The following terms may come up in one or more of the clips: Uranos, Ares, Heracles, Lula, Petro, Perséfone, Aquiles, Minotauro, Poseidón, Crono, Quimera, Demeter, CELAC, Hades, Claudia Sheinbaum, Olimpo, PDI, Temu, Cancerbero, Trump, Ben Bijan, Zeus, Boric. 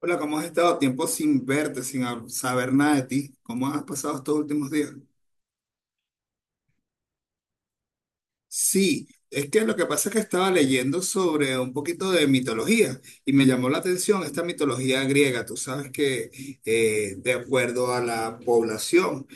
Hola, ¿cómo has estado? Tiempo sin verte, sin saber nada de ti. ¿Cómo has pasado estos últimos días? Sí, es que lo que pasa es que estaba leyendo sobre un poquito de mitología y me llamó la atención esta mitología griega. Tú sabes que de acuerdo a la población,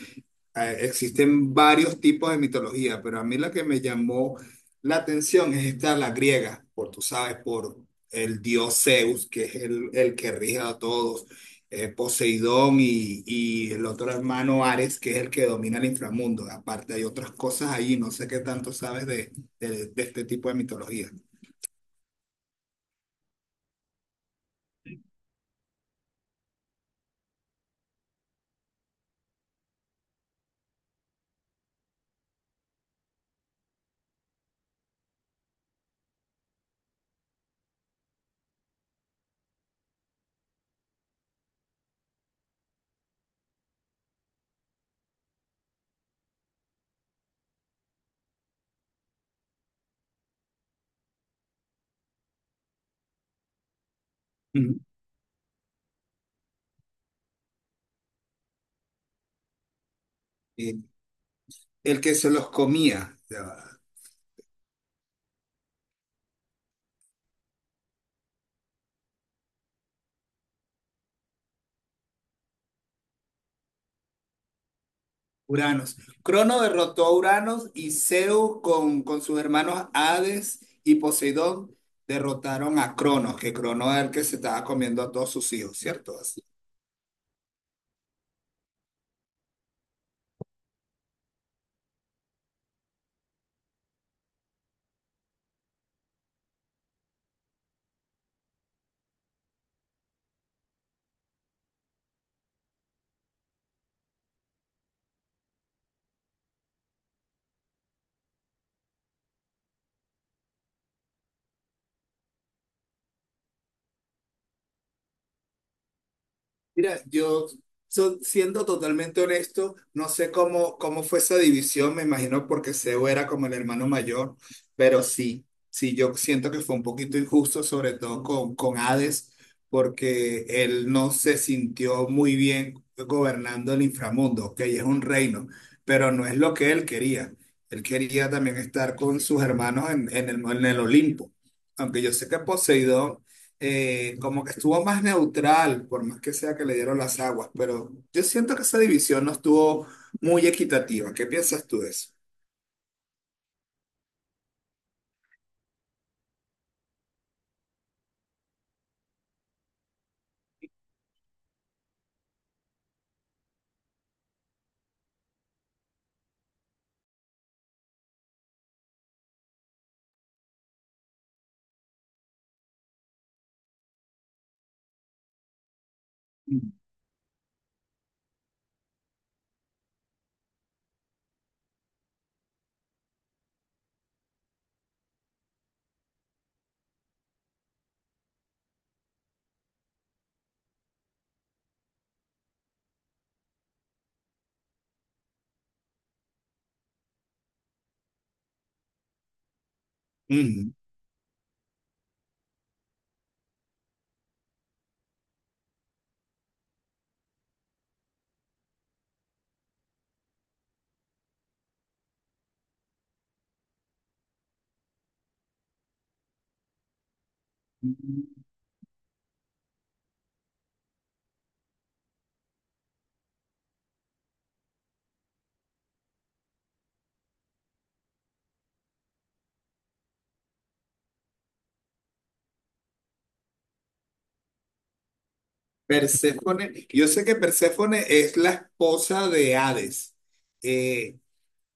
existen varios tipos de mitología, pero a mí la que me llamó la atención es esta, la griega, por, tú sabes, por el dios Zeus, que es el que rige a todos, Poseidón y, el otro hermano Ares, que es el que domina el inframundo. Aparte hay otras cosas ahí, no sé qué tanto sabes de, de este tipo de mitología. Ujú. Eh, el que se los comía. Ya va. Uranos. Crono derrotó a Uranos, y Zeus con sus hermanos Hades y Poseidón derrotaron a Cronos, que Crono era el que se estaba comiendo a todos sus hijos, ¿cierto? Mira, yo, siendo totalmente honesto, no sé cómo, cómo fue esa división. Me imagino porque Seo era como el hermano mayor, pero sí, sí, yo siento que fue un poquito injusto, sobre todo con Hades, porque él no se sintió muy bien gobernando el inframundo, que es un reino, pero no es lo que él quería. Él quería también estar con sus hermanos en el Olimpo, aunque yo sé que Poseidón, como que estuvo más neutral. Por más que sea que le dieron las aguas, pero yo siento que esa división no estuvo muy equitativa. ¿Qué piensas tú de eso? Mm. Perséfone, yo sé que Perséfone es la esposa de Hades. Eh,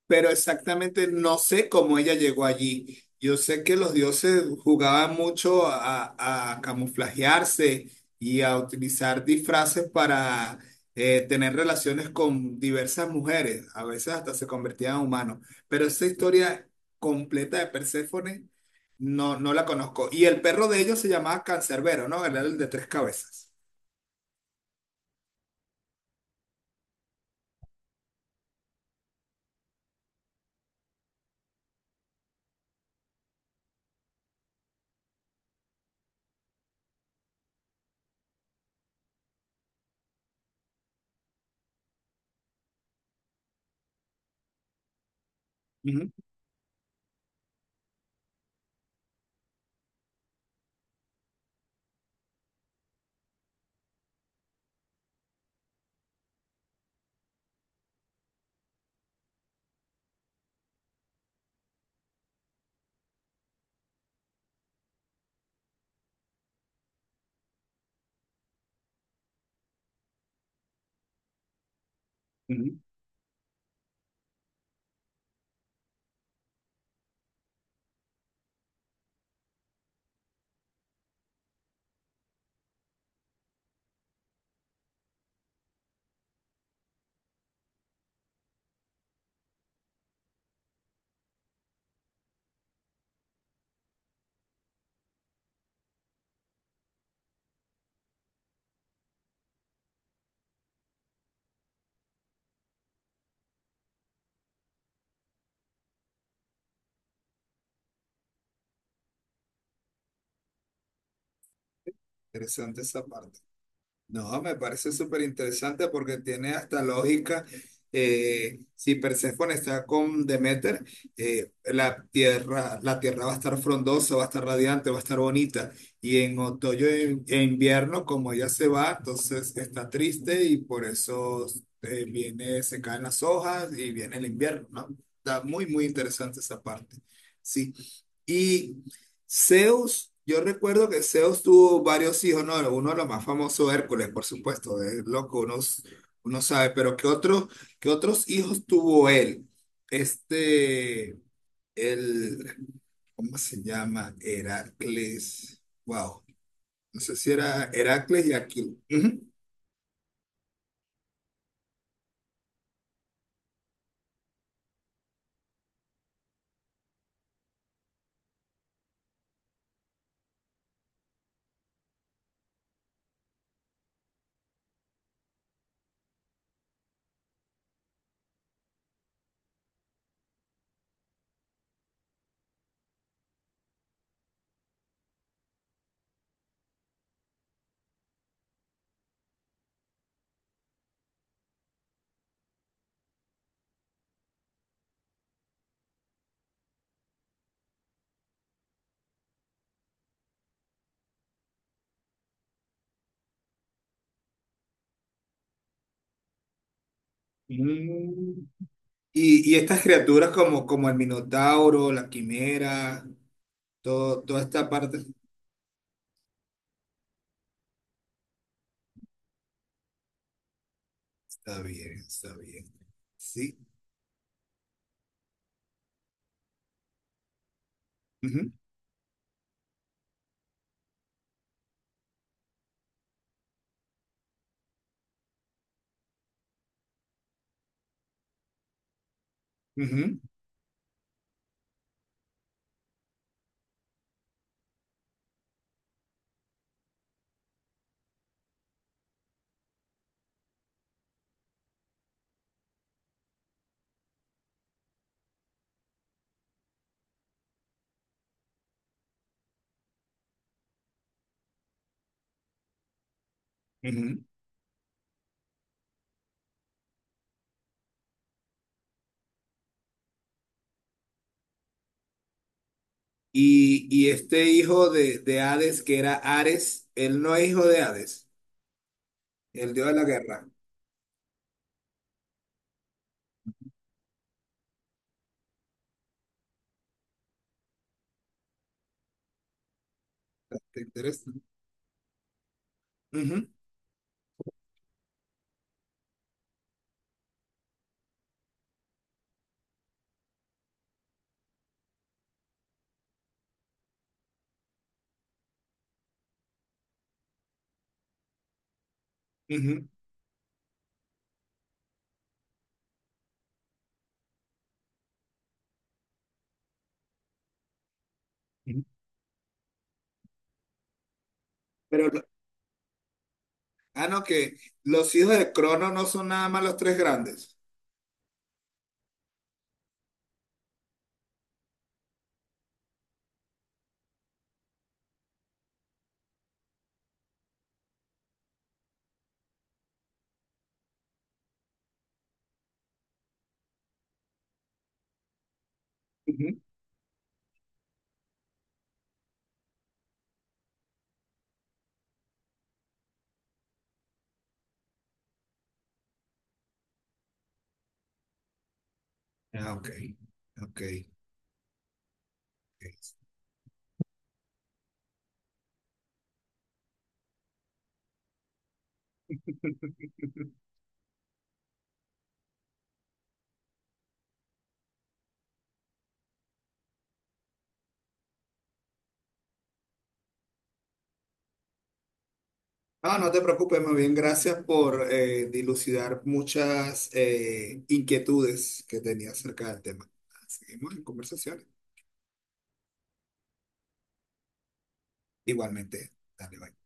pero exactamente no sé cómo ella llegó allí. Yo sé que los dioses jugaban mucho a camuflajearse y a utilizar disfraces para, tener relaciones con diversas mujeres. A veces hasta se convertían en humanos. Pero esa historia completa de Perséfone no, no la conozco. Y el perro de ellos se llamaba Cancerbero, ¿no? Era el de tres cabezas. Ujú, ujú. Interesante esa parte. No, me parece súper interesante porque tiene hasta lógica. Si Perséfone está con Demeter, la tierra va a estar frondosa, va a estar radiante, va a estar bonita. Y en otoño e invierno, como ella se va, entonces está triste y por eso, viene, se caen las hojas y viene el invierno, ¿no? Está muy, muy interesante esa parte. Sí. Y Zeus, yo recuerdo que Zeus tuvo varios hijos, ¿no? Uno de los más famosos, Hércules, por supuesto, es loco, uno, uno sabe. Pero qué otros hijos tuvo él? Este, el, ¿cómo se llama? Heracles, wow, no sé si era Heracles y Aquiles. Ujú. Mm. Y estas criaturas como, como el Minotauro, la Quimera, todo, toda esta parte, está bien, sí. Ujú, ujú. Ujú. Y este hijo de Hades, que era Ares, él no es hijo de Hades, el dios de la guerra. ¿Te interesa? Ujú, ujú, ujú. Pero, ah, no, que los hijos de Crono no son nada más los tres grandes. Ujú. Ah, ok, ok, ok. No, no te preocupes, más bien gracias por, dilucidar muchas, inquietudes que tenía acerca del tema. Seguimos en conversaciones. Igualmente, dale, bye.